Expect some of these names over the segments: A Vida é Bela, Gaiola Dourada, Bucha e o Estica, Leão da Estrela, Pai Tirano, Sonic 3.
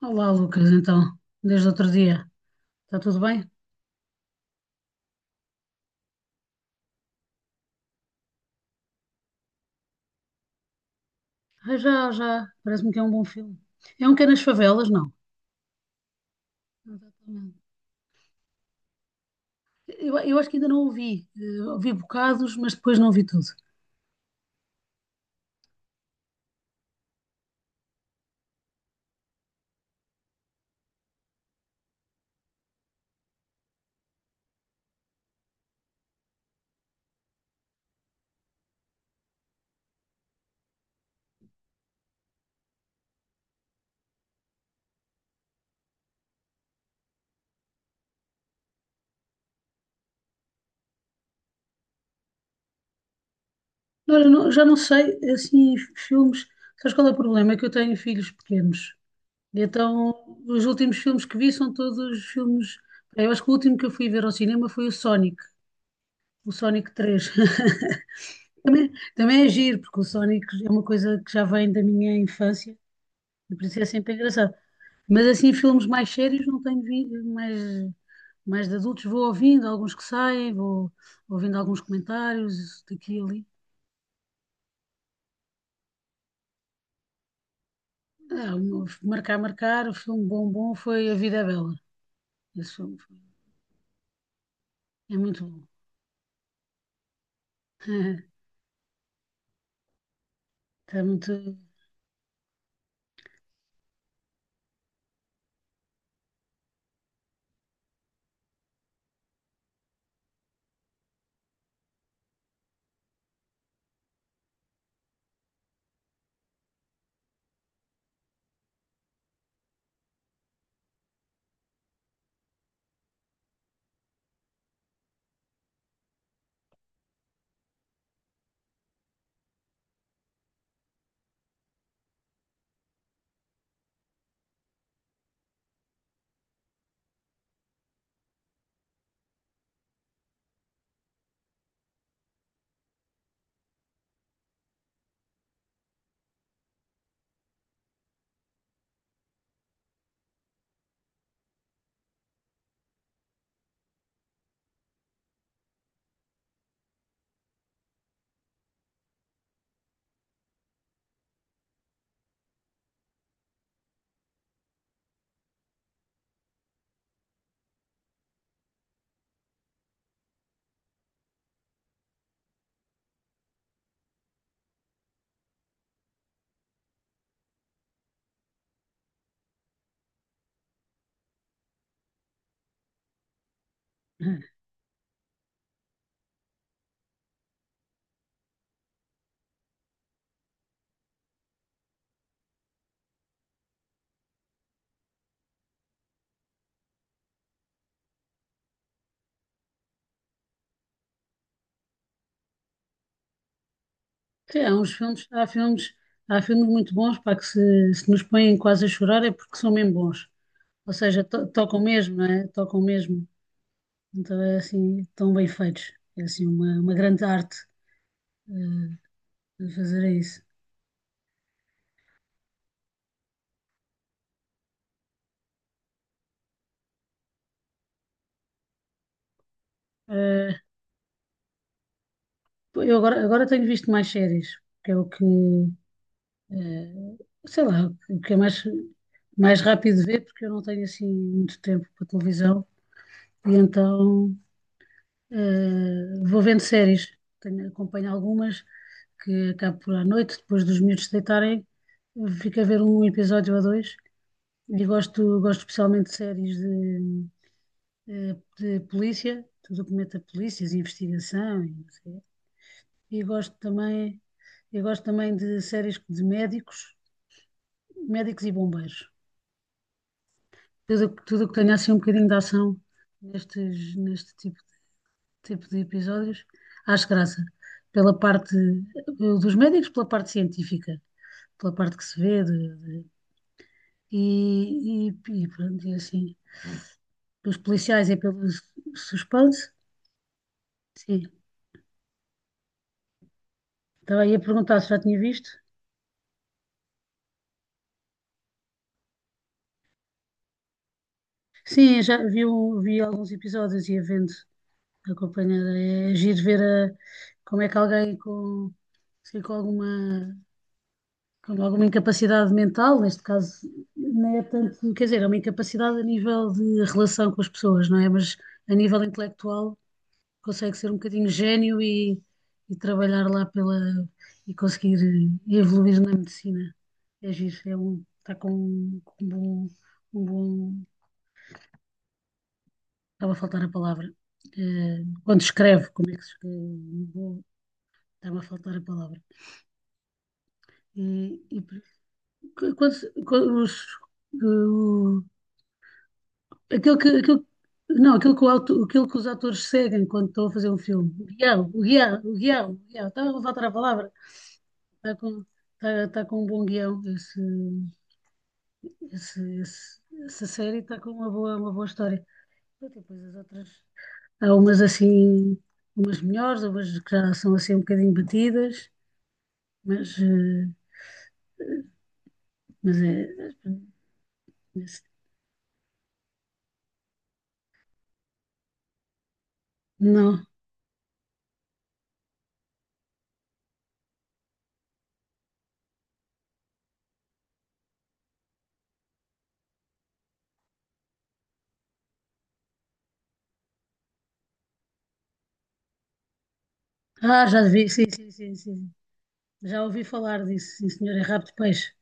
Olá, Lucas, então, desde outro dia, está tudo bem? Ah, já, já, parece-me que é um bom filme. É um que é nas favelas, não? Exatamente. Eu acho que ainda não ouvi, ouvi bocados, mas depois não vi tudo. Olha, já não sei, assim, filmes, sabes qual é o problema? É que eu tenho filhos pequenos, e então os últimos filmes que vi são todos filmes, eu acho que o último que eu fui ver ao cinema foi o Sonic 3. Também é giro, porque o Sonic é uma coisa que já vem da minha infância, por isso é sempre engraçado. Mas assim, filmes mais sérios não tenho visto, mais, mais de adultos, vou ouvindo alguns que saem, vou ouvindo alguns comentários isso daqui e ali. É, marcar, o filme bom, bom foi A Vida é Bela. Esse filme foi- é muito bom. Está muito. Sim, há uns filmes, há filmes, há filmes muito bons, para que se nos põem quase a chorar é porque são mesmo bons. Ou seja, tocam mesmo, não é? Tocam mesmo. Então é assim, tão bem feitos. É assim uma grande arte eh, fazer isso. Eh, eu agora tenho visto mais séries, que é o que, eh, sei lá, o que é mais, mais rápido de ver, porque eu não tenho assim muito tempo para televisão. E então vou vendo séries. Tenho, acompanho algumas que acabo por à noite, depois dos miúdos se deitarem, fico a ver um episódio ou dois. E gosto, gosto especialmente de séries de de polícia, de documento da polícia, de polícias, investigação e não sei. E gosto também, eu gosto também de séries de médicos, médicos e bombeiros. Tudo o que tenha assim um bocadinho de ação nestes, neste tipo, tipo de episódios, acho graça. Pela parte dos médicos, pela parte científica, pela parte que se vê, e, e, e pronto, e assim. Os policiais é pelo suspense, sim. Estava aí a perguntar se já tinha visto. Sim, já vi, vi alguns episódios e a vendo acompanhada. É giro ver como é que alguém com, assim, com alguma incapacidade mental, neste caso, não é tanto, quer dizer, é uma incapacidade a nível de relação com as pessoas, não é? Mas a nível intelectual consegue ser um bocadinho gênio e trabalhar lá pela e conseguir evoluir na medicina. É giro, é um, está com um bom, um bom. Estava a faltar a palavra. Eh, quando escreve, como é que se escreve? Bom. Estava a faltar a palavra. E, e por isso- quando, quando os, o- aquilo que, aquilo, não, aquilo que, aquilo que os atores seguem quando estão a fazer um filme. O guião, o guião, o guião, o guião. Estava a faltar a palavra. Está com, está, está com um bom guião. Esse, essa série está com uma boa história. Depois as outras. Há umas assim, umas melhores, umas que já são assim um bocadinho batidas, mas, mas é. Não. Ah, já vi, sim, sim, sim, sim. Já ouvi falar disso, sim, senhor, é rabo de peixe.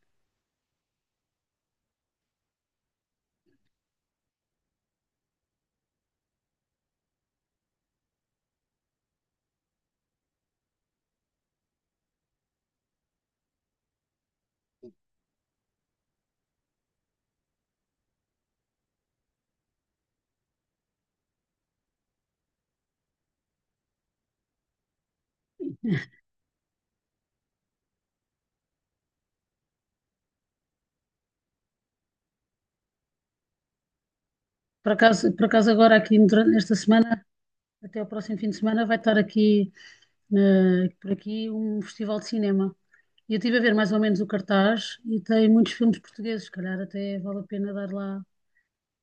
Por acaso agora aqui durante esta semana, até o próximo fim de semana, vai estar aqui por aqui um festival de cinema. E eu estive a ver mais ou menos o cartaz e tem muitos filmes portugueses, se calhar até vale a pena dar lá,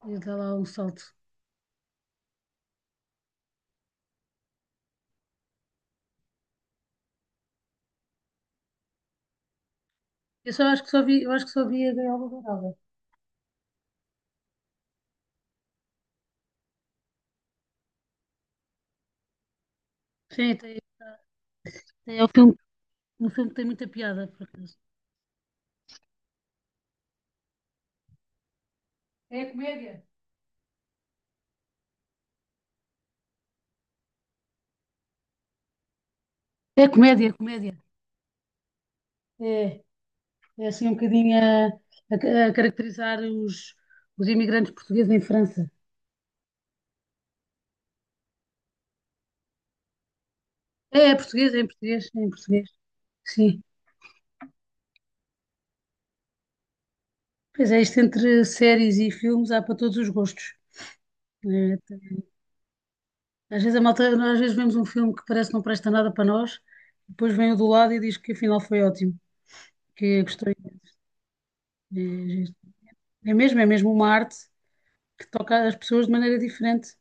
e dar lá um salto. Eu só acho que só vi, eu acho que só vi a Gaiola Dourada. Sim, tem, é um filme que tem muita piada, por acaso. É comédia. É comédia, comédia. É, é assim um bocadinho a, a caracterizar os imigrantes portugueses em França. É, é português, é em português, é em português. Sim. Pois é, isto entre séries e filmes há para todos os gostos. É, às vezes a malta, às vezes vemos um filme que parece que não presta nada para nós, depois vem o do lado e diz que afinal foi ótimo, que gostou imenso. É, é giro. É mesmo uma arte que toca as pessoas de maneira diferente.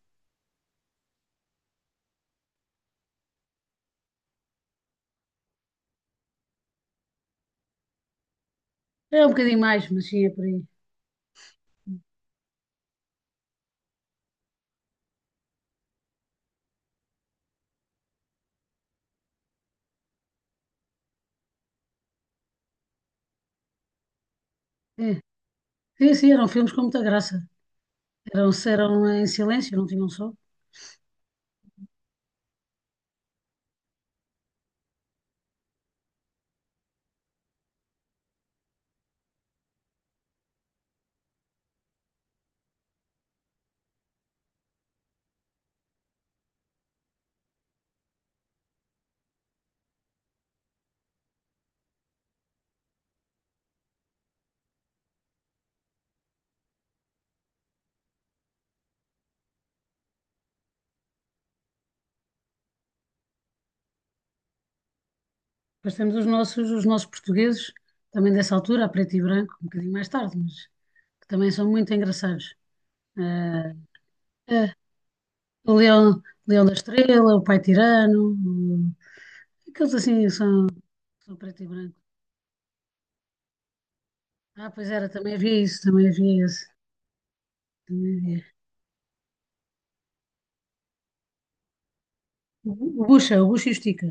É um bocadinho mais, mas sim, é por aí. É. Sim, sim, eram filmes com muita graça. Eram, eram em silêncio, não tinham som. Depois temos os nossos portugueses, também dessa altura, a preto e branco, um bocadinho mais tarde, mas que também são muito engraçados. Eh, eh, o Leão, Leão da Estrela, o Pai Tirano, aqueles assim são, são preto e branco. Ah, pois era, também havia isso, também havia esse. Também havia. O Bucha e o Estica.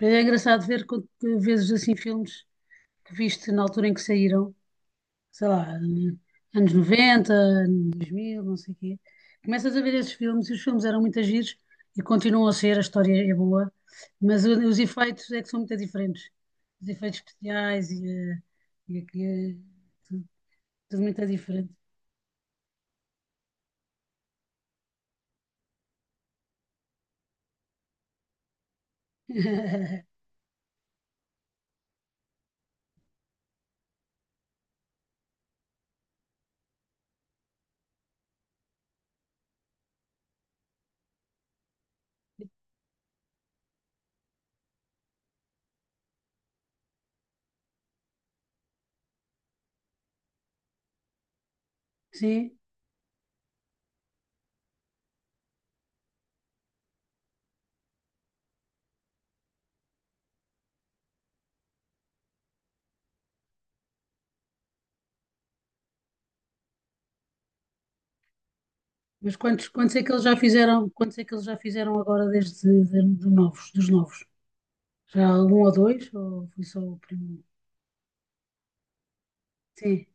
Mas é engraçado ver quanto que vezes assim filmes que viste na altura em que saíram, sei lá, anos 90, anos 2000, não sei o quê. Começas a ver esses filmes e os filmes eram muito giros e continuam a ser, a história é boa, mas os efeitos é que são muito diferentes. Os efeitos especiais e, e aqui, tudo, tudo muito diferente. Sim, mas quantos, quantos é que eles já fizeram? Quantos é que eles já fizeram agora de novos, dos novos? Já algum ou dois? Ou foi só o primeiro? Sim.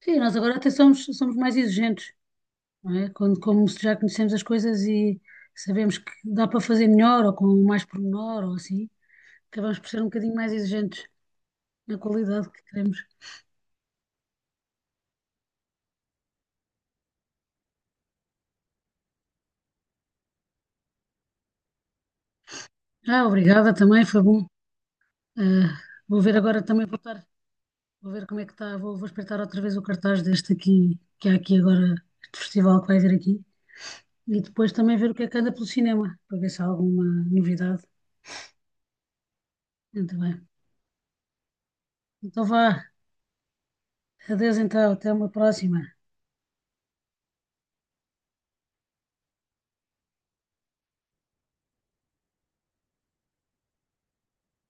Sim, nós agora até somos, somos mais exigentes, não é? Quando, como se já conhecemos as coisas e sabemos que dá para fazer melhor ou com mais pormenor ou assim, acabamos por ser um bocadinho mais exigentes na qualidade que queremos. Ah, obrigada também, foi bom. Ah, vou ver agora também voltar, vou ver como é que está, vou, vou espreitar outra vez o cartaz deste aqui, que há aqui agora, este festival que vai haver aqui, e depois também ver o que é que anda pelo cinema, para ver se há alguma novidade. Muito bem. Então vá. Adeus então. Até uma próxima.